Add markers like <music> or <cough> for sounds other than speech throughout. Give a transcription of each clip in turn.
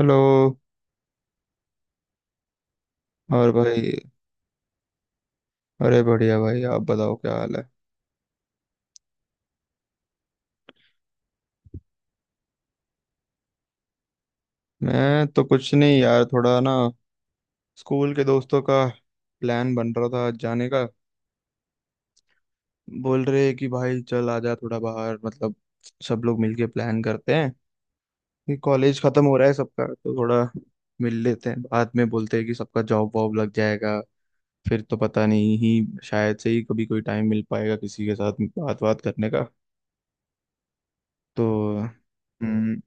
Hello. और भाई। अरे बढ़िया भाई, आप बताओ क्या हाल है। मैं तो कुछ नहीं यार, थोड़ा ना स्कूल के दोस्तों का प्लान बन रहा था आज जाने का। बोल रहे कि भाई चल आ जा थोड़ा बाहर। मतलब सब लोग मिलके प्लान करते हैं कि कॉलेज खत्म हो रहा है सबका, तो थोड़ा मिल लेते हैं। बाद में बोलते हैं कि सबका जॉब वॉब लग जाएगा फिर तो पता नहीं, ही शायद से ही कभी कोई टाइम मिल पाएगा किसी के साथ बात बात करने का। तो हम्म।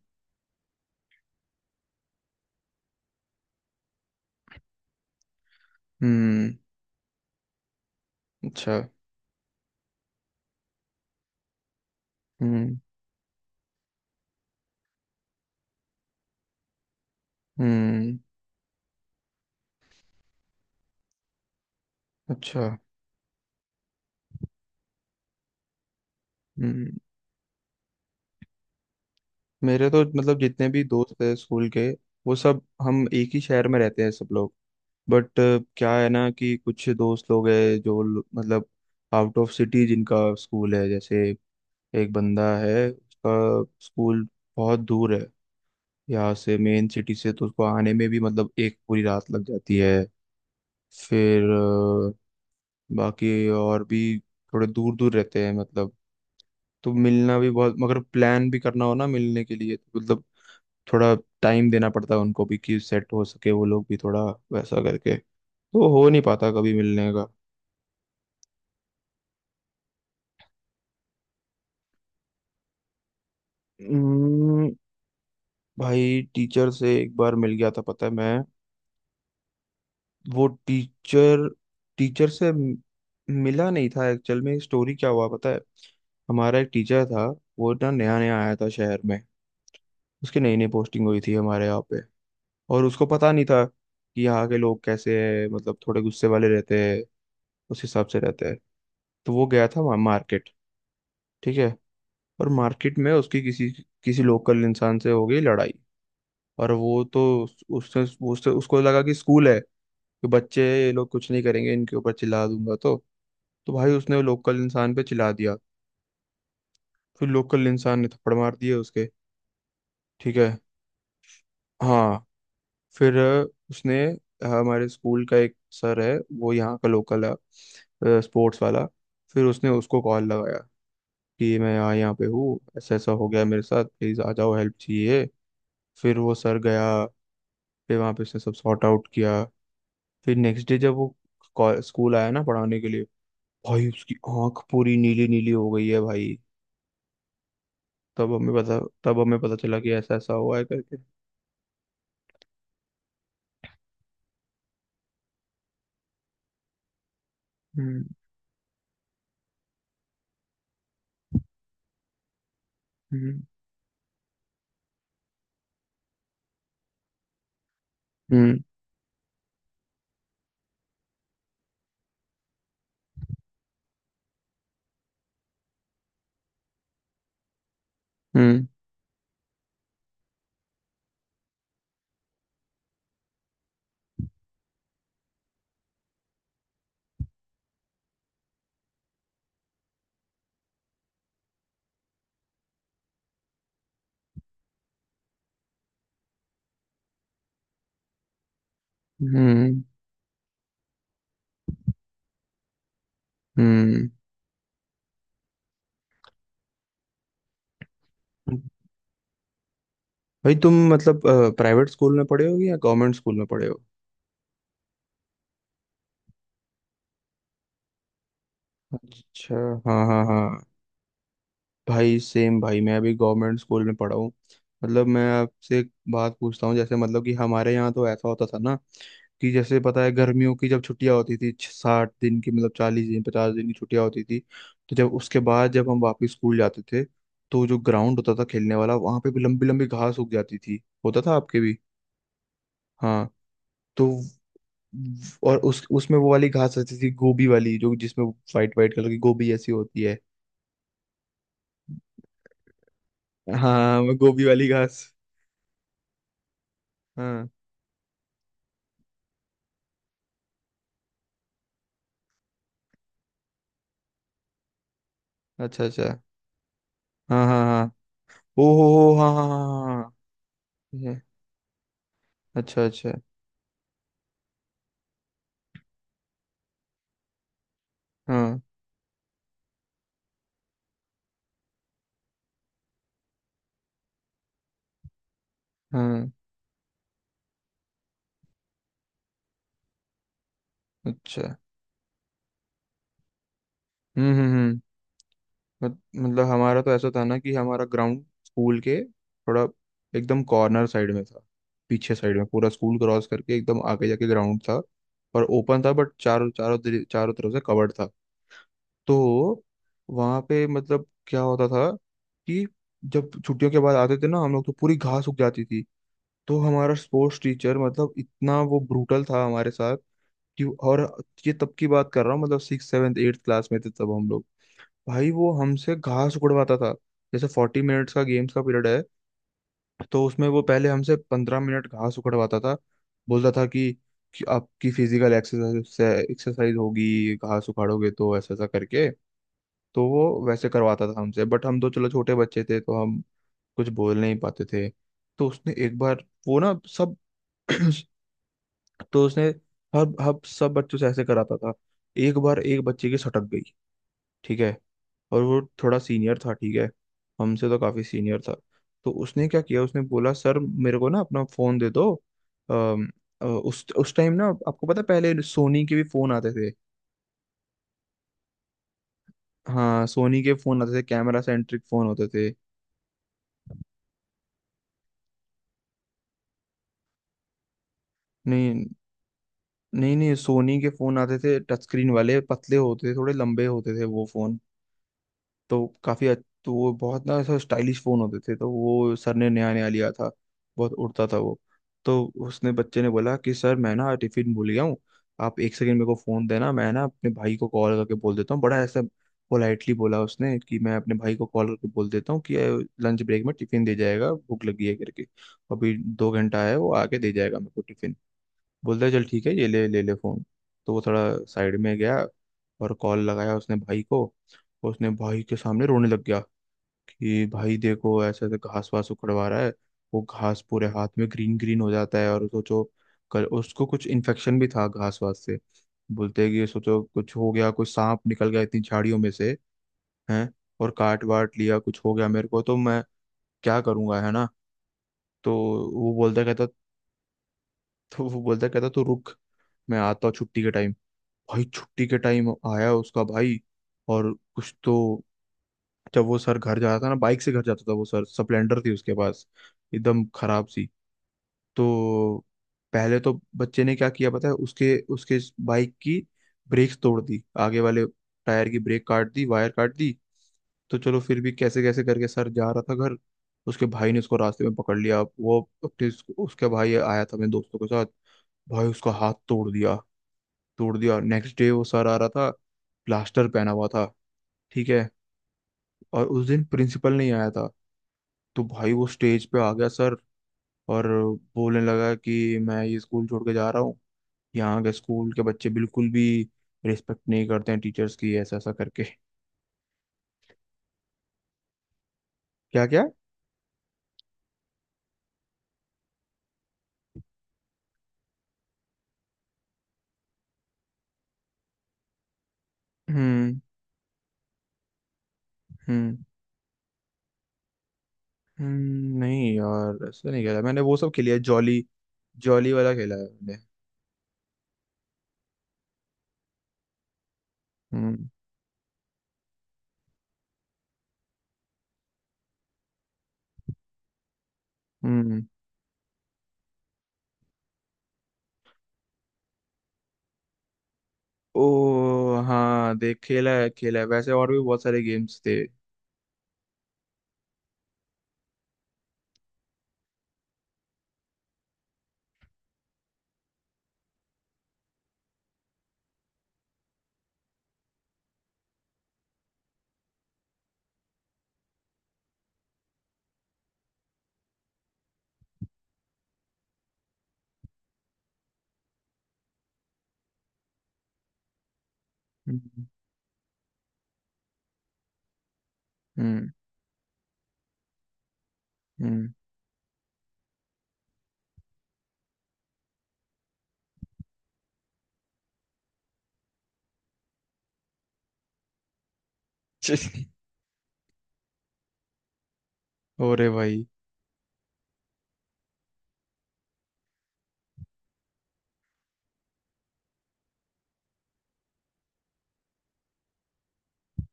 हम्म। अच्छा। हम्म। हम्म। अच्छा। हम्म। मेरे तो मतलब जितने भी दोस्त हैं स्कूल के, वो सब हम एक ही शहर में रहते हैं सब लोग। बट क्या है ना कि कुछ दोस्त लोग हैं मतलब आउट ऑफ सिटी जिनका स्कूल है। जैसे एक बंदा है उसका स्कूल बहुत दूर है यहाँ से, मेन सिटी से, तो उसको आने में भी मतलब एक पूरी रात लग जाती है। फिर बाकी और भी थोड़े दूर दूर रहते हैं मतलब। तो मिलना भी बहुत, मगर प्लान भी करना हो ना मिलने के लिए, तो मतलब थोड़ा टाइम देना पड़ता है उनको भी कि सेट हो सके वो लोग भी थोड़ा वैसा करके। तो हो नहीं पाता कभी मिलने का। हम्म। भाई टीचर से एक बार मिल गया था, पता है। मैं वो टीचर टीचर से मिला नहीं था एक्चुअल में। स्टोरी क्या हुआ पता है। हमारा एक टीचर था। वो ना नया नया आया था शहर में। उसकी नई नई पोस्टिंग हुई थी हमारे यहाँ पे। और उसको पता नहीं था कि यहाँ के लोग कैसे हैं, मतलब थोड़े गुस्से वाले रहते हैं, उस हिसाब से रहते हैं। तो वो गया था मार्केट, ठीक है, और मार्केट में उसकी किसी किसी लोकल इंसान से हो गई लड़ाई। और वो तो उस- उससे वो उससे उसको लगा कि स्कूल है, कि बच्चे हैं, ये लोग कुछ नहीं करेंगे, इनके ऊपर चिल्ला दूंगा तो भाई उसने लोकल इंसान पे चिल्ला दिया। फिर लोकल इंसान ने थप्पड़ मार दिए उसके। ठीक है। हाँ। फिर हमारे स्कूल का एक सर है, वो यहाँ का लोकल है, स्पोर्ट्स वाला। फिर उसने उसको कॉल लगाया कि मैं यहाँ यहाँ पे हूँ, ऐसा ऐसा हो गया मेरे साथ, प्लीज़ आ जाओ, हेल्प चाहिए। फिर वो सर गया। फिर वहां पे उसने सब सॉर्ट आउट किया। फिर नेक्स्ट डे जब वो स्कूल आया ना पढ़ाने के लिए, भाई उसकी आंख पूरी नीली नीली हो गई है भाई। तब हमें पता चला कि ऐसा ऐसा हुआ है करके। हम्म। हम्म। हम्म। हम्म। हम्म। हम्म। हम्म। भाई तुम मतलब प्राइवेट स्कूल में पढ़े हो या गवर्नमेंट स्कूल में पढ़े हो। अच्छा। हाँ हाँ हाँ। भाई सेम, भाई मैं अभी गवर्नमेंट स्कूल में पढ़ा हूँ। मतलब मैं आपसे एक बात पूछता हूँ, जैसे मतलब कि हमारे यहाँ तो ऐसा होता था ना कि जैसे पता है गर्मियों की जब छुट्टियां होती थी, 60 दिन की, मतलब 40 दिन 50 दिन की छुट्टियां होती थी। तो जब उसके बाद जब हम वापस स्कूल जाते थे, तो जो ग्राउंड होता था खेलने वाला, वहां पे भी लंबी लंबी घास उग जाती थी। होता था आपके भी। हाँ। तो और उस उसमें वो वाली घास रहती थी, गोभी वाली, जो जिसमें वाइट वाइट कलर की गोभी ऐसी होती है। हाँ वो गोभी वाली घास। हाँ। अच्छा अच्छा। हाँ हाँ हाँ। ओ हो, हाँ हाँ हाँ। हाँ हाँ, हाँ। ये। अच्छा अच्छा। हाँ हाँ। अच्छा। हम्म। मत- मतलब हमारा तो ऐसा था ना कि हमारा ग्राउंड स्कूल के थोड़ा एकदम कॉर्नर साइड में था, पीछे साइड में। पूरा स्कूल क्रॉस करके एकदम आगे जाके ग्राउंड था, और ओपन था, बट चारों चारों दि- चारों तरफ से कवर्ड था। तो वहाँ पे मतलब क्या होता था कि जब छुट्टियों के बाद आते थे ना हम लोग, तो पूरी घास उग जाती थी। तो हमारा स्पोर्ट्स टीचर मतलब इतना वो ब्रूटल था हमारे साथ कि, और ये तब की बात कर रहा हूँ, मतलब 6th 7th 8th क्लास में थे तब हम लोग। भाई वो हमसे घास उकड़वाता था। जैसे 40 मिनट्स का गेम्स का पीरियड है, तो उसमें वो पहले हमसे 15 मिनट घास उकड़वाता था। बोलता था कि आपकी फिजिकल एक्सरसाइज से एक्सरसाइज होगी, घास उखाड़ोगे तो, ऐसा ऐसा करके। तो वो वैसे करवाता था हमसे। बट हम तो चलो छोटे बच्चे थे, तो हम कुछ बोल नहीं पाते थे। तो उसने एक बार वो ना सब <clears throat> तो उसने हर हर सब बच्चों से ऐसे कराता था। एक बार एक बच्चे की सटक गई, ठीक है, और वो थोड़ा सीनियर था, ठीक है, हमसे तो काफी सीनियर था। तो उसने क्या किया, उसने बोला, सर मेरे को ना अपना फोन दे दो। अम, उस टाइम ना आपको पता है, पहले सोनी के भी फोन आते थे। हाँ सोनी के फोन आते थे, कैमरा सेंट्रिक फोन होते थे। नहीं नहीं नहीं, सोनी के फोन आते थे, टच स्क्रीन वाले, पतले होते थे, थोड़े लंबे होते थे वो फोन। तो काफी तो वो बहुत ना ऐसा स्टाइलिश फोन होते थे, तो वो सर ने नया नया लिया था, बहुत उड़ता था वो। तो उसने बच्चे ने बोला कि सर मैं ना टिफिन भूल गया हूँ, आप एक सेकंड मेरे को फोन देना, मैं ना अपने भाई को कॉल करके बोल देता हूँ। बड़ा ऐसा पोलाइटली बोला उसने कि मैं अपने भाई को कॉल करके बोल देता हूँ कि लंच ब्रेक में टिफिन दे जाएगा, भूख लगी है करके, अभी 2 घंटा है, वो आके दे जाएगा मेरे को टिफिन। बोलता है चल ठीक है, ये ले ले ले फोन। तो वो थोड़ा साइड में गया, और कॉल लगाया उसने भाई को। तो उसने भाई के सामने रोने लग गया कि भाई देखो ऐसे ऐसे घास वास उखड़वा रहा है, वो घास पूरे हाथ में ग्रीन ग्रीन हो जाता है, और सोचो कल उसको कुछ इन्फेक्शन भी था घास वास से। बोलते हैं कि सोचो कुछ हो गया, कुछ सांप निकल गया इतनी झाड़ियों में से हैं, और काट वाट लिया, कुछ हो गया मेरे को, तो मैं क्या करूंगा, है ना। तो वो बोलता कहता तो वो बोलता कहता, तू रुक, मैं आता हूँ छुट्टी के टाइम। भाई छुट्टी के टाइम आया उसका भाई। और कुछ तो, जब वो सर घर जाता था ना, बाइक से घर जाता था वो सर, स्प्लेंडर थी उसके पास, एकदम खराब सी। तो पहले तो बच्चे ने क्या किया पता है, उसके उसके बाइक की ब्रेक्स तोड़ दी, आगे वाले टायर की ब्रेक काट दी, वायर काट दी। तो चलो फिर भी कैसे कैसे करके सर जा रहा था घर। उसके भाई ने उसको रास्ते में पकड़ लिया वो। अपने उसके भाई आया था अपने दोस्तों के साथ, भाई उसका हाथ तोड़ दिया, तोड़ दिया। नेक्स्ट डे वो सर आ रहा था, प्लास्टर पहना हुआ था, ठीक है, और उस दिन प्रिंसिपल नहीं आया था। तो भाई वो स्टेज पे आ गया सर, और बोलने लगा कि मैं ये स्कूल छोड़ के जा रहा हूँ, यहाँ के स्कूल के बच्चे बिल्कुल भी रिस्पेक्ट नहीं करते हैं टीचर्स की, ऐसा ऐसा करके। क्या क्या। हम्म। हम्म। नहीं यार ऐसा नहीं खेला मैंने, वो सब खेलिया जॉली। जॉली वाला खेला है मैंने। हम्म। हम्म। ओ हाँ देख, खेला है, खेला है, वैसे और भी बहुत सारे गेम्स थे। हम्म। हम्म। हम्म। <laughs> अरे भाई।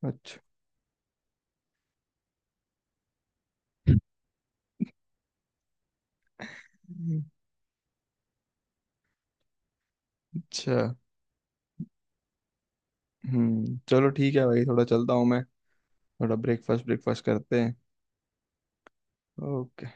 अच्छा अच्छा। हम्म। चलो ठीक है भाई, थोड़ा चलता हूँ मैं, थोड़ा ब्रेकफास्ट ब्रेकफास्ट करते हैं। ओके।